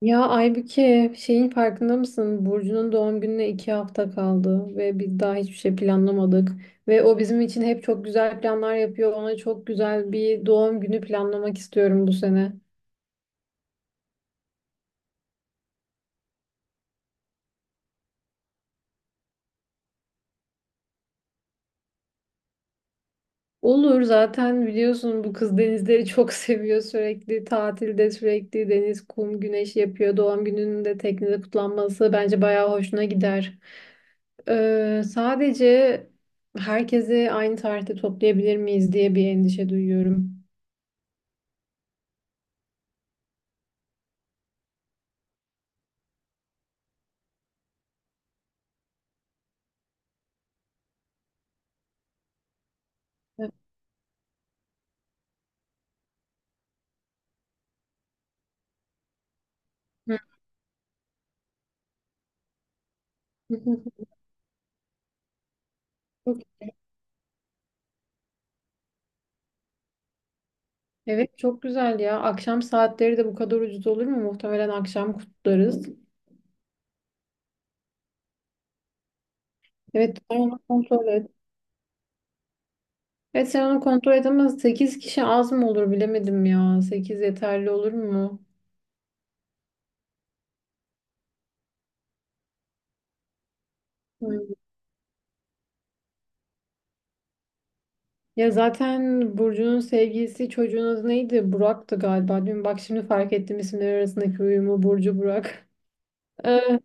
Ya Aybüke şeyin farkında mısın? Burcu'nun doğum gününe 2 hafta kaldı ve biz daha hiçbir şey planlamadık. Ve o bizim için hep çok güzel planlar yapıyor. Ona çok güzel bir doğum günü planlamak istiyorum bu sene. Olur, zaten biliyorsun bu kız denizleri çok seviyor sürekli. Tatilde sürekli deniz, kum, güneş yapıyor. Doğum gününün de teknede kutlanması bence bayağı hoşuna gider. Sadece herkesi aynı tarihte toplayabilir miyiz diye bir endişe duyuyorum. Hı. Çok- Evet, çok güzel ya. Akşam saatleri de bu kadar ucuz olur mu? Muhtemelen akşam kutlarız. Evet, sen onu kontrol et. Evet, sen onu kontrol et ama 8 kişi az mı olur bilemedim ya. Sekiz yeterli olur mu? Hmm. Ya zaten Burcu'nun sevgilisi çocuğun adı neydi? Burak'tı galiba. Dün bak şimdi fark ettim isimler arasındaki uyumu, Burcu Burak.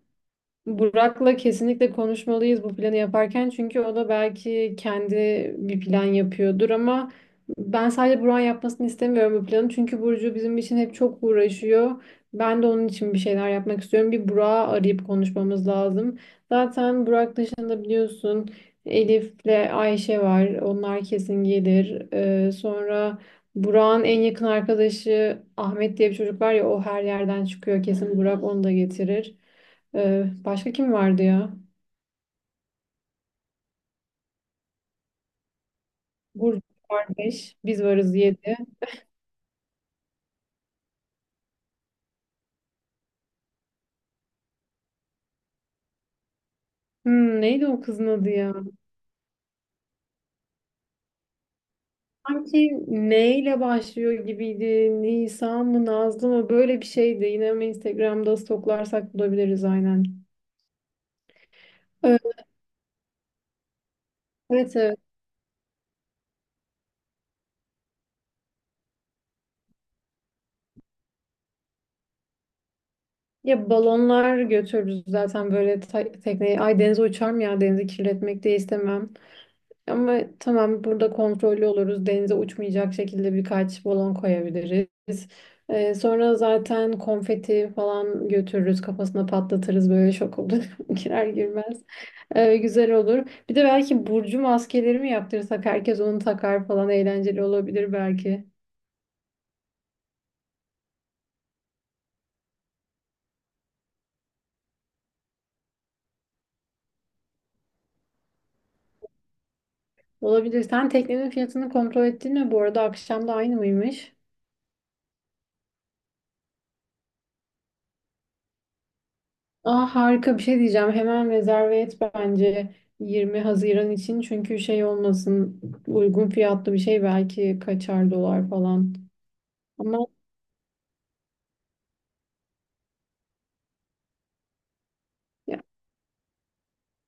Burak'la kesinlikle konuşmalıyız bu planı yaparken, çünkü o da belki kendi bir plan yapıyordur, ama ben sadece Burak'ın yapmasını istemiyorum bu planı, çünkü Burcu bizim için hep çok uğraşıyor. Ben de onun için bir şeyler yapmak istiyorum. Bir Burak'ı arayıp konuşmamız lazım. Zaten Burak dışında biliyorsun Elif'le Ayşe var. Onlar kesin gelir. Sonra Burak'ın en yakın arkadaşı Ahmet diye bir çocuk var ya, o her yerden çıkıyor. Kesin Burak onu da getirir. Başka kim vardı ya? Burcu var, 5. Biz varız, 7. Neydi o kızın adı ya? Sanki N ile başlıyor gibiydi. Nisa mı, Nazlı mı? Böyle bir şeydi. Yine mi Instagram'da stoklarsak bulabiliriz, aynen. Evet, evet. Evet. Ya balonlar götürürüz zaten böyle tekneye. Ay, denize uçar mı ya? Denizi kirletmek de istemem. Ama tamam, burada kontrollü oluruz. Denize uçmayacak şekilde birkaç balon koyabiliriz. Sonra zaten konfeti falan götürürüz. Kafasına patlatırız, böyle şok olur. Girer girmez. Güzel olur. Bir de belki burcu maskeleri mi yaptırsak, herkes onu takar falan, eğlenceli olabilir belki. Olabilir. Sen teknenin fiyatını kontrol ettin mi? Bu arada akşam da aynı mıymış? Aa, harika bir şey diyeceğim. Hemen rezerve et bence 20 Haziran için. Çünkü şey olmasın, uygun fiyatlı bir şey belki kaçar, dolar falan. Ama ya,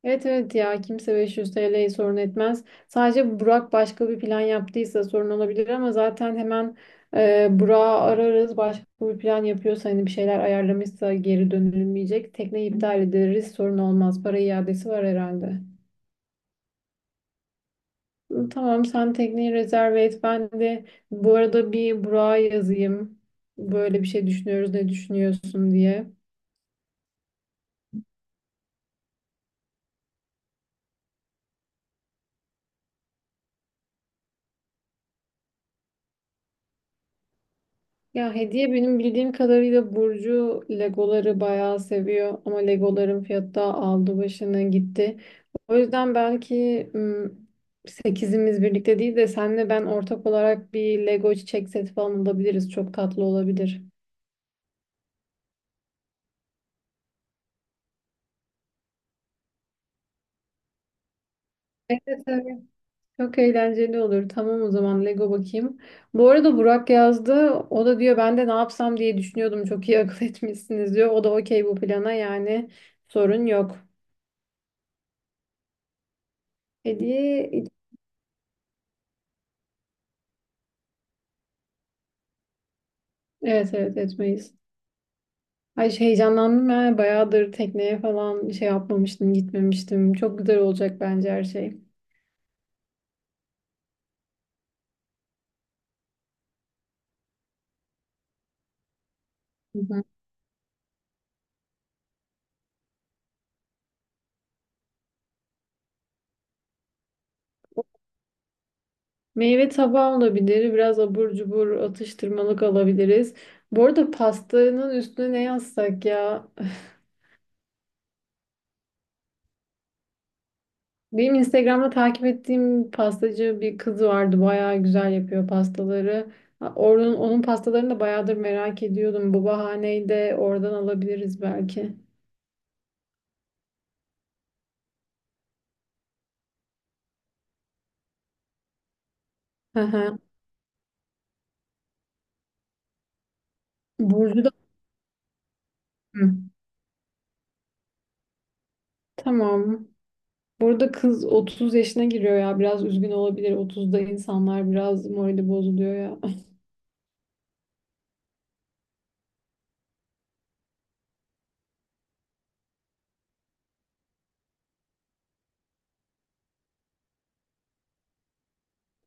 evet, evet ya, kimse 500 TL'yi sorun etmez. Sadece Burak başka bir plan yaptıysa sorun olabilir ama zaten hemen Burak'ı ararız. Başka bir plan yapıyorsa, hani bir şeyler ayarlamışsa geri dönülmeyecek. Tekneyi iptal ederiz, sorun olmaz. Para iadesi var herhalde. Tamam, sen tekneyi rezerve et. Ben de bu arada bir Burak'a yazayım. Böyle bir şey düşünüyoruz, ne düşünüyorsun diye. Ya hediye, benim bildiğim kadarıyla Burcu Legoları bayağı seviyor. Ama Legoların fiyatı da aldı başını gitti. O yüzden belki sekizimiz birlikte değil de senle ben ortak olarak bir Lego çiçek seti falan alabiliriz. Çok tatlı olabilir. Evet, evet. Çok eğlenceli olur. Tamam, o zaman Lego bakayım. Bu arada Burak yazdı. O da diyor ben de ne yapsam diye düşünüyordum. Çok iyi akıl etmişsiniz diyor. O da okey bu plana, yani sorun yok. Hediye. Evet, evet, etmeyiz. Ay şey, heyecanlandım ben. Bayağıdır tekneye falan şey yapmamıştım, gitmemiştim. Çok güzel olacak bence her şey. Hı hı. Meyve tabağı olabilir. Biraz abur cubur atıştırmalık alabiliriz. Bu arada pastanın üstüne ne yazsak ya? Benim Instagram'da takip ettiğim pastacı bir kız vardı. Bayağı güzel yapıyor pastaları. Ha, onun pastalarını da bayağıdır merak ediyordum. Bu bahaneyi de oradan alabiliriz belki. Hı hı. Burcu da... Hı. Tamam. Burada kız 30 yaşına giriyor ya. Biraz üzgün olabilir. 30'da insanlar biraz morali bozuluyor ya.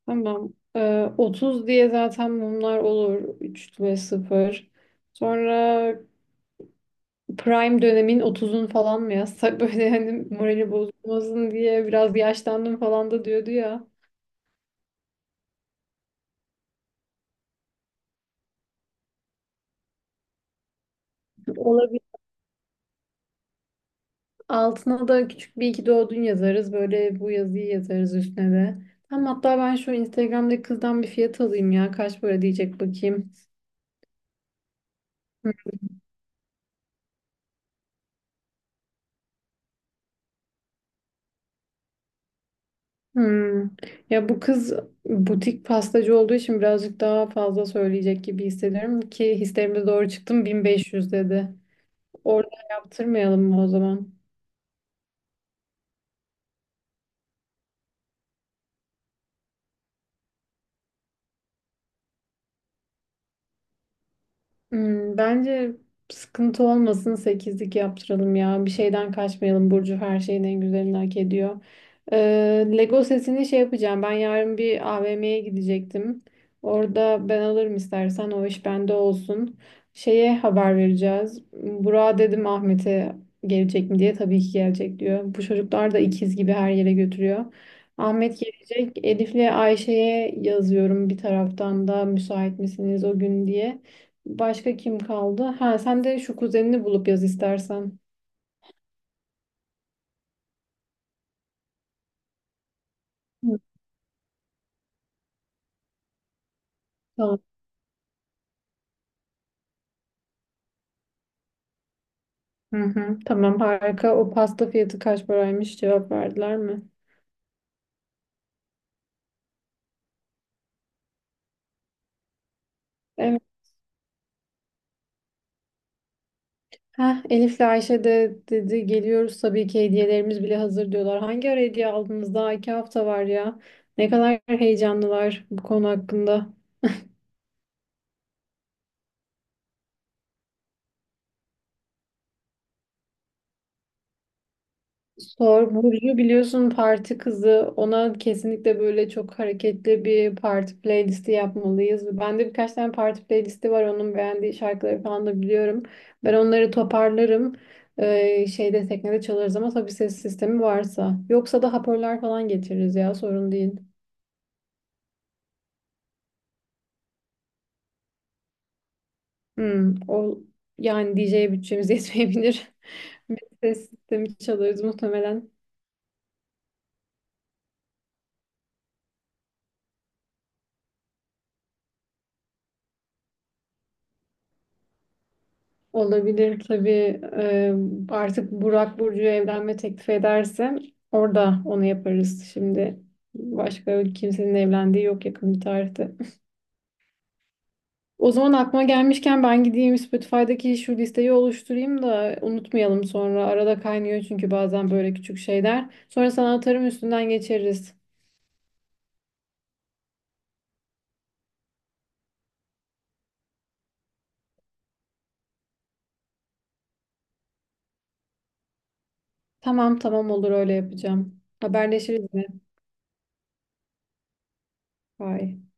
Tamam. 30 diye zaten mumlar olur. 3 ve sıfır. Sonra Prime dönemin, otuzun falan mı yazsak, böyle hani morali bozulmasın diye, biraz yaşlandım falan da diyordu ya. Olabilir. Altına da küçük bir iki doğdun yazarız. Böyle bu yazıyı yazarız üstüne de. Tamam, hatta ben şu Instagram'daki kızdan bir fiyat alayım ya. Kaç para diyecek bakayım. Hmm. Ya bu kız butik pastacı olduğu için birazcık daha fazla söyleyecek gibi hissediyorum, ki hislerimiz doğru çıktım, 1500 dedi. Orada yaptırmayalım mı o zaman? Bence sıkıntı olmasın, sekizlik yaptıralım ya. Bir şeyden kaçmayalım. Burcu her şeyin en güzelini hak ediyor. Lego setini şey yapacağım. Ben yarın bir AVM'ye gidecektim. Orada ben alırım, istersen o iş bende olsun. Şeye haber vereceğiz. Burak'a dedim Ahmet'e gelecek mi diye. Tabii ki gelecek diyor. Bu çocuklar da ikiz gibi, her yere götürüyor. Ahmet gelecek. Elif'le Ayşe'ye yazıyorum bir taraftan da, müsait misiniz o gün diye. Başka kim kaldı? Ha, sen de şu kuzenini bulup yaz istersen. Hı. Tamam. Hı hı, tamam, harika. O pasta fiyatı kaç paraymış, cevap verdiler mi? Evet. Heh, Elif'le Ayşe de dedi geliyoruz tabii ki, hediyelerimiz bile hazır diyorlar. Hangi ara hediye aldınız? Daha 2 hafta var ya. Ne kadar heyecanlılar bu konu hakkında. Sor. Burcu biliyorsun parti kızı. Ona kesinlikle böyle çok hareketli bir parti playlisti yapmalıyız. Bende birkaç tane parti playlisti var. Onun beğendiği şarkıları falan da biliyorum. Ben onları toparlarım. Şeyde, teknede çalarız ama tabii ses sistemi varsa. Yoksa da hoparlör falan getiririz ya, sorun değil. O yani DJ'ye bütçemiz yetmeyebilir. Bir ses sistemi çalarız muhtemelen. Olabilir tabii. Artık Burak Burcu'ya evlenme teklif ederse orada onu yaparız. Şimdi başka kimsenin evlendiği yok yakın bir tarihte. O zaman aklıma gelmişken ben gideyim Spotify'daki şu listeyi oluşturayım da unutmayalım sonra. Arada kaynıyor çünkü bazen böyle küçük şeyler. Sonra sana atarım, üstünden geçeriz. Tamam, tamam olur, öyle yapacağım. Haberleşiriz mi? Bye.